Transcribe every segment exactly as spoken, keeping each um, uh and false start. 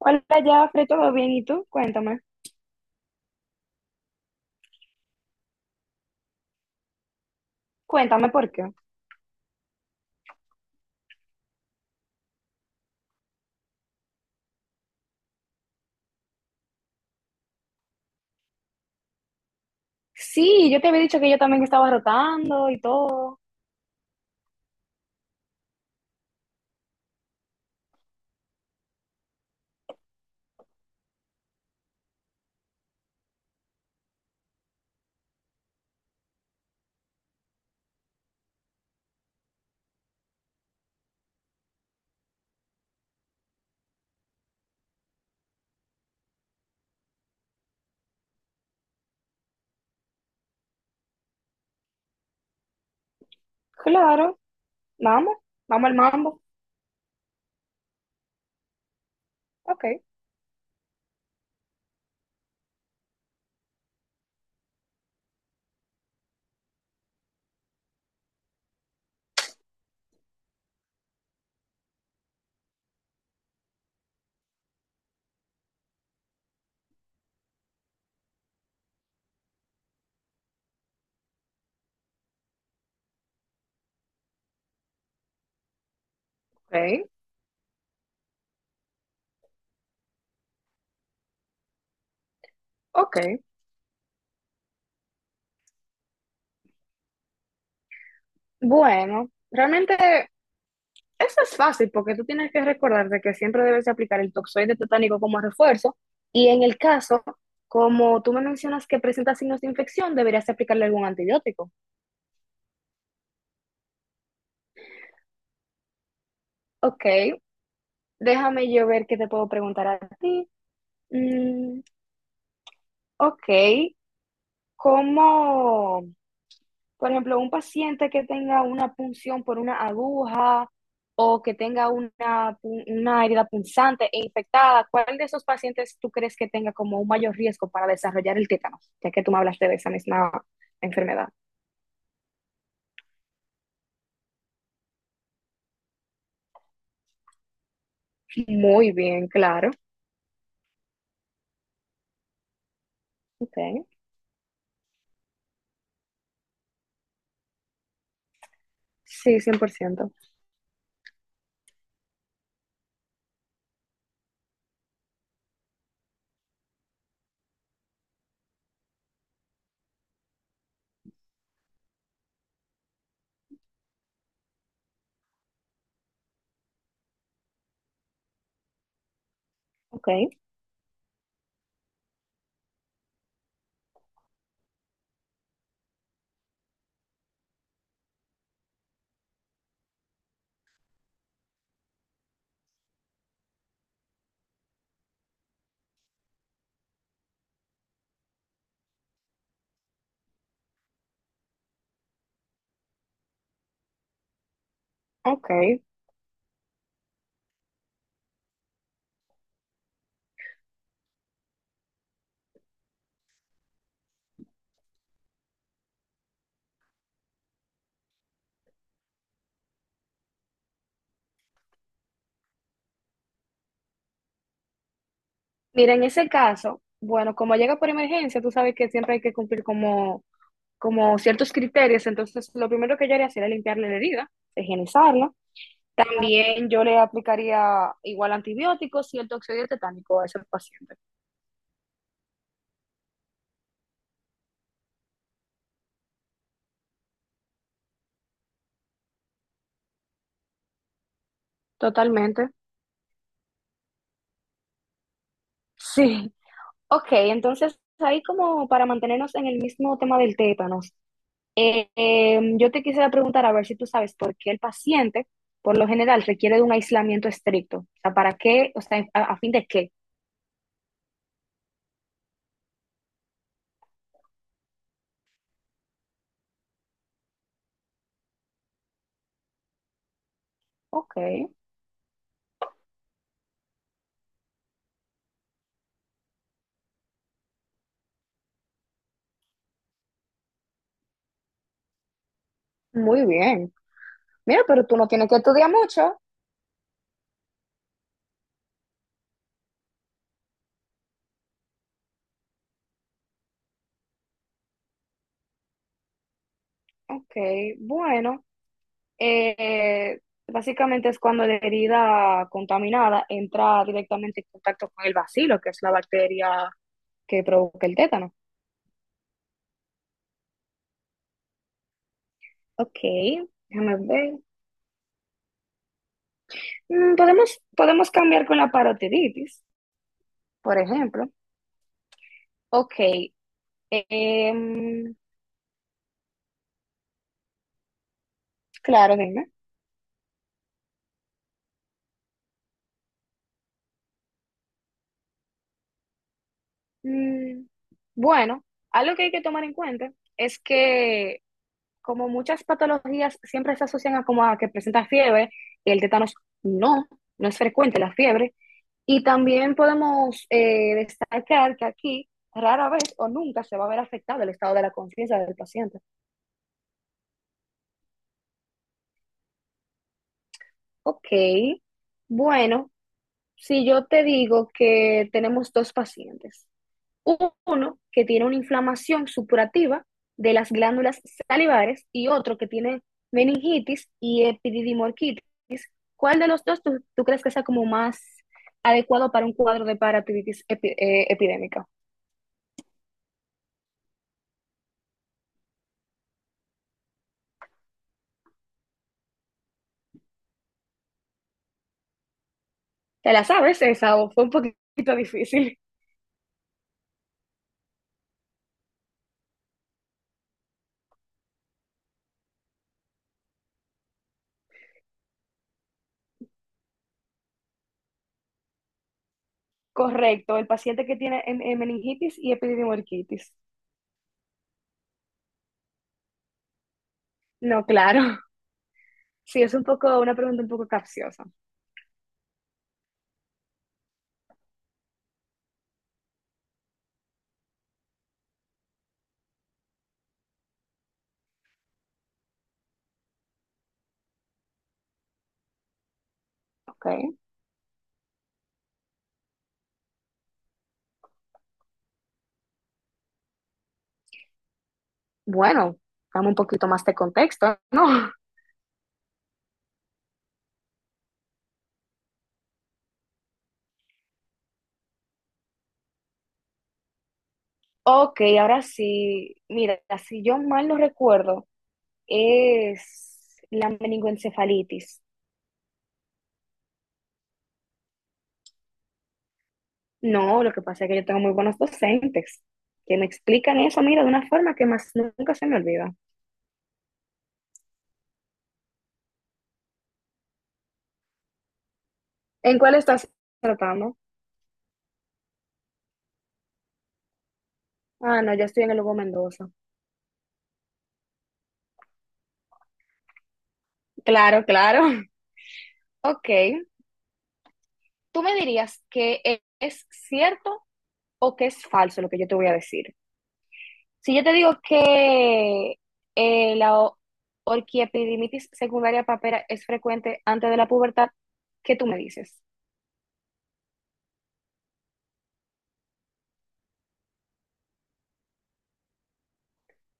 Hola, Jafre, ¿todo bien? ¿Y tú? Cuéntame. Cuéntame por qué. Sí, yo te había dicho que yo también estaba rotando y todo. Claro, vamos, vamos al mambo. Ok, ok, ok. Bueno, realmente eso es fácil porque tú tienes que recordarte que siempre debes de aplicar el toxoide tetánico como refuerzo y en el caso, como tú me mencionas que presenta signos de infección, deberías de aplicarle algún antibiótico. Ok, déjame yo ver qué te puedo preguntar a ti. Mm, ok. Como, por ejemplo, un paciente que tenga una punción por una aguja o que tenga una, pu- una herida punzante e infectada, ¿cuál de esos pacientes tú crees que tenga como un mayor riesgo para desarrollar el tétano? Ya que tú me hablaste de esa misma enfermedad. Muy bien, claro. Okay. Sí, cien por ciento. Ok. Ok. Mira, en ese caso, bueno, como llega por emergencia, tú sabes que siempre hay que cumplir como como ciertos criterios, entonces lo primero que yo haría sería limpiarle la herida, higienizarla. También yo le aplicaría igual antibióticos y el toxoide tetánico a ese paciente. Totalmente. Sí. Ok, entonces ahí como para mantenernos en el mismo tema del tétanos, eh, eh, yo te quisiera preguntar a ver si tú sabes por qué el paciente, por lo general, requiere de un aislamiento estricto. O sea, ¿para qué? O sea, ¿a, ¿a fin de qué? Ok, muy bien. Mira, pero tú no tienes que estudiar mucho. Ok, bueno, eh, básicamente es cuando la herida contaminada entra directamente en contacto con el bacilo, que es la bacteria que provoca el tétano. Ok, déjame ver. Mm, podemos, podemos cambiar con la parotiditis, por ejemplo. Ok, em, claro, dime. Mm, bueno, algo que hay que tomar en cuenta es que como muchas patologías siempre se asocian a como a que presenta fiebre, el tétanos no, no es frecuente la fiebre. Y también podemos eh, destacar que aquí rara vez o nunca se va a ver afectado el estado de la conciencia del paciente. Ok, bueno, si yo te digo que tenemos dos pacientes, uno que tiene una inflamación supurativa de las glándulas salivares y otro que tiene meningitis y epididimorquitis. ¿Cuál de los dos tú, tú crees que sea como más adecuado para un cuadro de paratitis epi eh, epidémica? ¿Te la sabes esa o fue un poquito difícil? Correcto, el paciente que tiene en- en meningitis y epididimorquitis. No, claro. Sí, es un poco, una pregunta un poco capciosa. Ok. Bueno, dame un poquito más de contexto, ¿no? Ok, ahora sí, mira, si yo mal no recuerdo, es la meningoencefalitis. No, lo que pasa es que yo tengo muy buenos docentes que me explican eso, mira, de una forma que más nunca se me olvida. ¿En cuál estás tratando? Ah, no, yo estoy en el Hugo Mendoza. Claro, claro. Ok, tú me dirías que e- es cierto o que es falso lo que yo te voy a decir. Si yo te digo que eh, la o- orquiepididimitis secundaria papera es frecuente antes de la pubertad, ¿qué tú me dices?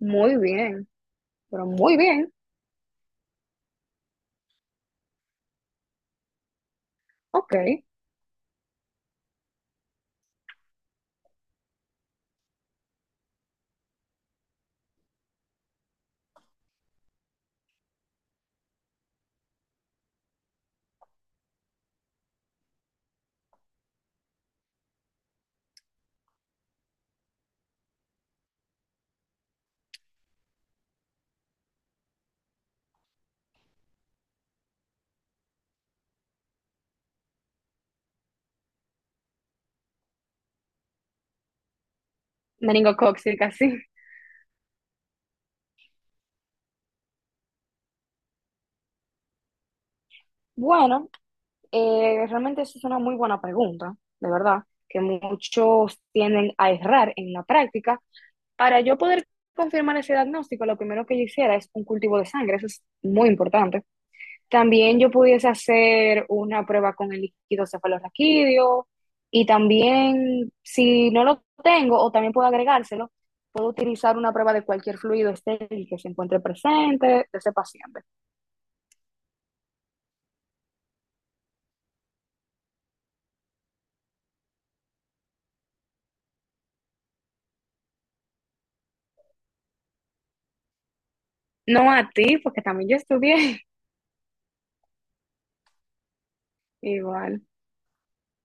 Muy bien, pero muy bien. Ok. Meningocócica, sí. Bueno, eh, realmente eso es una muy buena pregunta, de verdad, que muchos tienden a errar en la práctica. Para yo poder confirmar ese diagnóstico, lo primero que yo hiciera es un cultivo de sangre, eso es muy importante. También yo pudiese hacer una prueba con el líquido cefalorraquídeo y también si no lo tengo o también puedo agregárselo, puedo utilizar una prueba de cualquier fluido estéril que se encuentre presente de ese paciente. No a ti, porque también yo estudié igual.